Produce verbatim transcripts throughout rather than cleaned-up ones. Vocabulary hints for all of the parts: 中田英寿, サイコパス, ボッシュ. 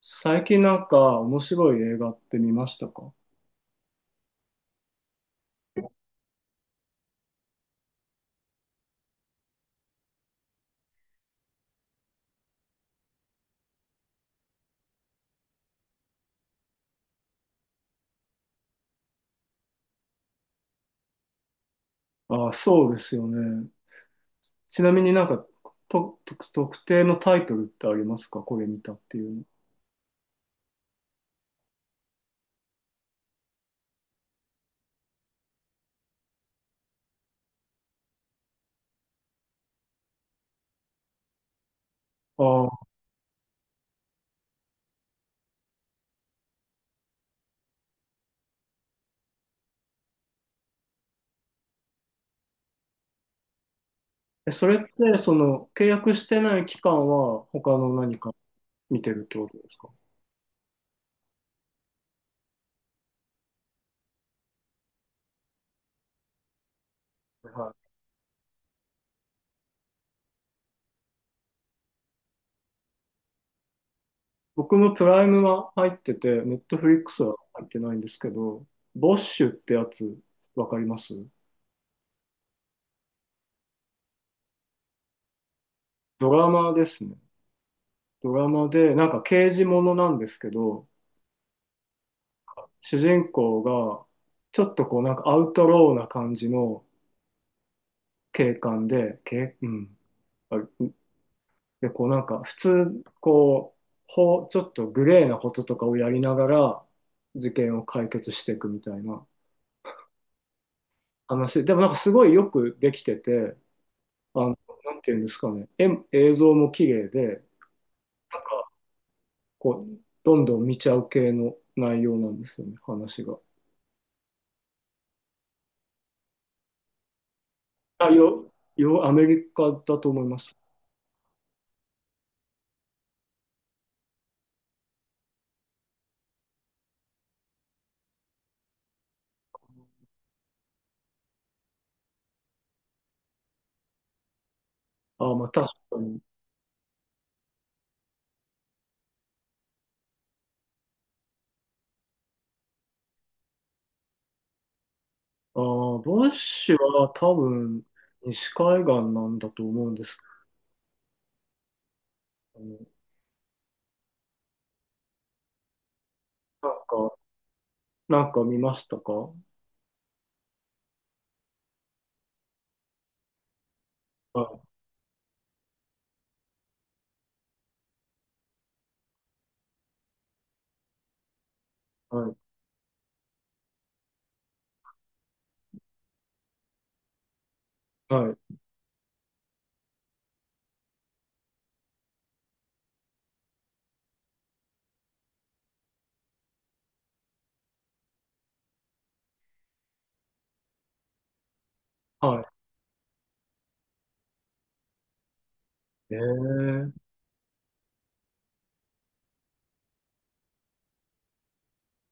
最近なんか面白い映画って見ましたか？ああ、そうですよね。ちなみになんか、と、と特定のタイトルってありますか？これ見たっていう。の。ああ、え、それってその契約してない期間は他の何か見てるってことですか？はい。僕もプライムは入ってて、ネットフリックスは入ってないんですけど、ボッシュってやつ、わかります？ドラマですね。ドラマで、なんか刑事ものなんですけど、主人公が、ちょっとこうなんかアウトローな感じの警官で、警うんあ、で、こうなんか普通、こう、ほちょっとグレーなこととかをやりながら事件を解決していくみたいな話。でもなんかすごいよくできてて、あの、なんていうんですかね、絵映像も綺麗で、なんかこう、どんどん見ちゃう系の内容なんですよね、話が。あ、よ、よ、アメリカだと思います。あ、まあ確かに。ああ、バッシュは多分西海岸なんだと思うんですけど、なんか、なんか見ましたか？はい、はい、はい、はい。えー、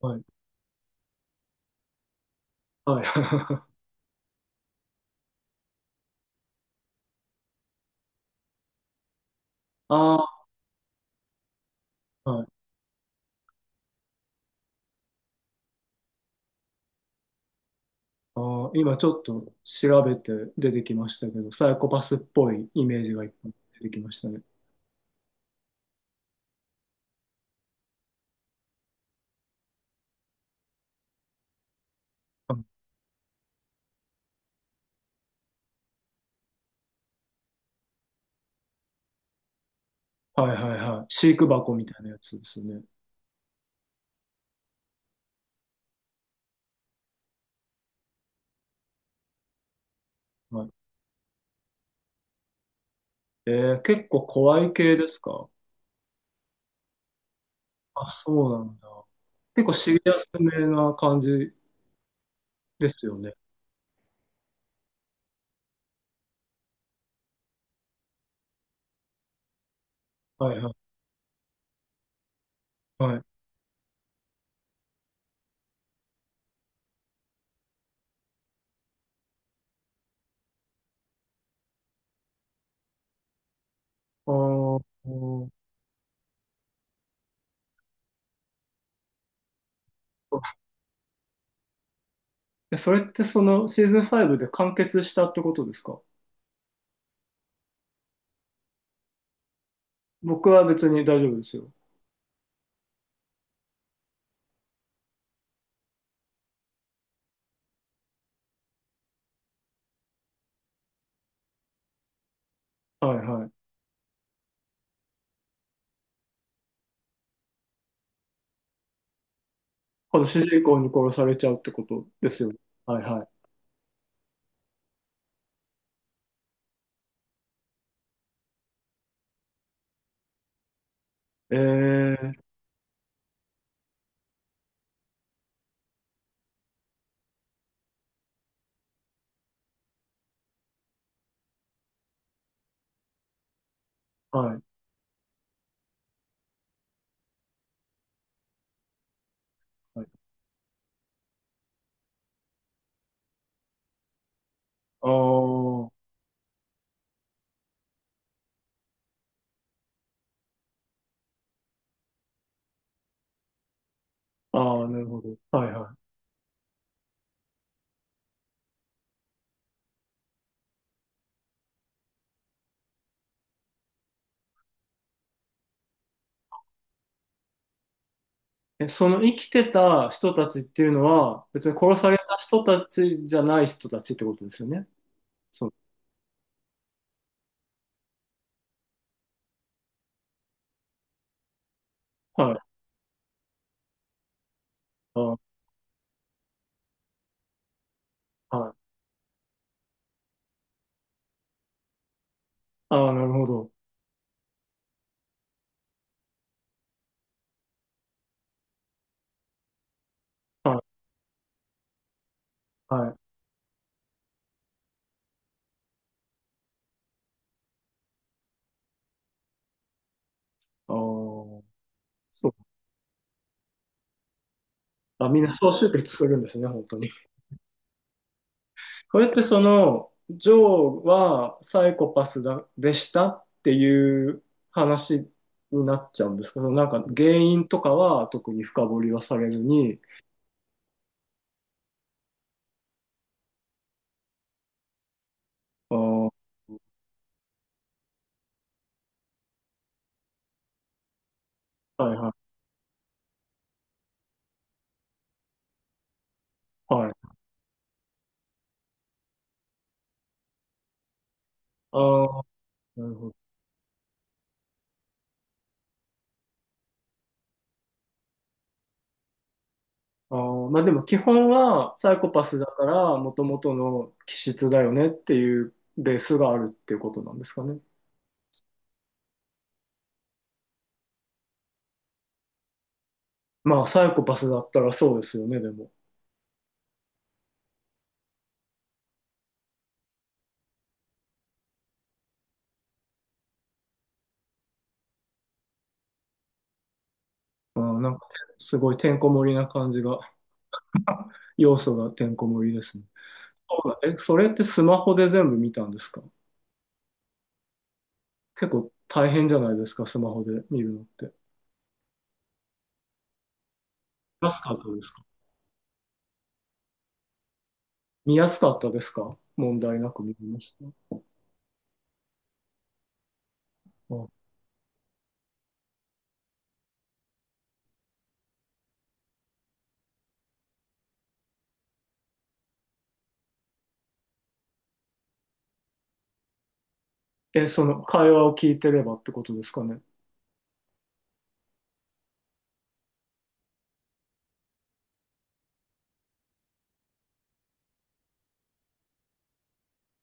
はい、はい。ああ、はい。ああ、今ちょっと調べて出てきましたけど、サイコパスっぽいイメージがいっぱい出てきましたね。うん、はい、はい、はい。飼育箱みたいなやつですね。はい。えー、結構怖い系ですか？あ、そうなんだ。結構シリアスめな感じですよね。はい、はい、はい。あー、おー、え、それってそのシーズンファイブで完結したってことですか？僕は別に大丈夫ですよ。はい、はい。この主人公に殺されちゃうってことですよね。はい、はい。えー、はい。はい、あー、あー、なるほど。はい、はい。え、その生きてた人たちっていうのは、別に殺された人たちじゃない人たちってことですよね。そう。はい。あー、はい。あー、なるほど。はい。はい。ああ、そう、あ、みんな総集結するんですね、本当に。これってその、ジョーはサイコパスだ、でしたっていう話になっちゃうんですけど、なんか原因とかは特に深掘りはされずに、あー、はい、はい、はい。あー、なるほど。あー、まあでも基本はサイコパスだから、もともとの気質だよねっていうベースがあるっていうことなんですかね。まあサイコパスだったらそうですよね、でも。あー、なんかすごいてんこ盛りな感じが。要素がてんこ盛りですね。そうだ、え、それってスマホで全部見たんですか？結構大変じゃないですか、スマホで見るのって。見やすかったですか？見やすかったですか？問題なく見れました？あ、え、その会話を聞いてればってことですかね。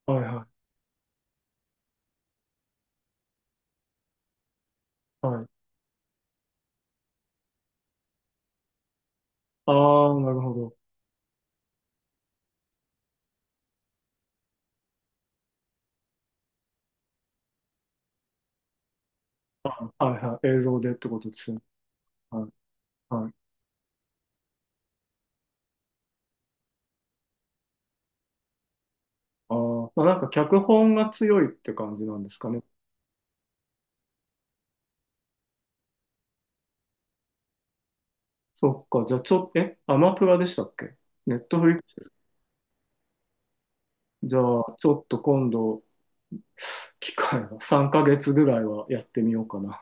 はい、はい、はい。ああ、なるほど。はい、はい。映像でってことですね。はい、はい。あー、まあ、なんか脚本が強いって感じなんですかね。そっか。じゃあちょっと、え、アマプラでしたっけ？ネットフリックス。じゃあちょっと今度機会はさんかげつぐらいはやってみようかな。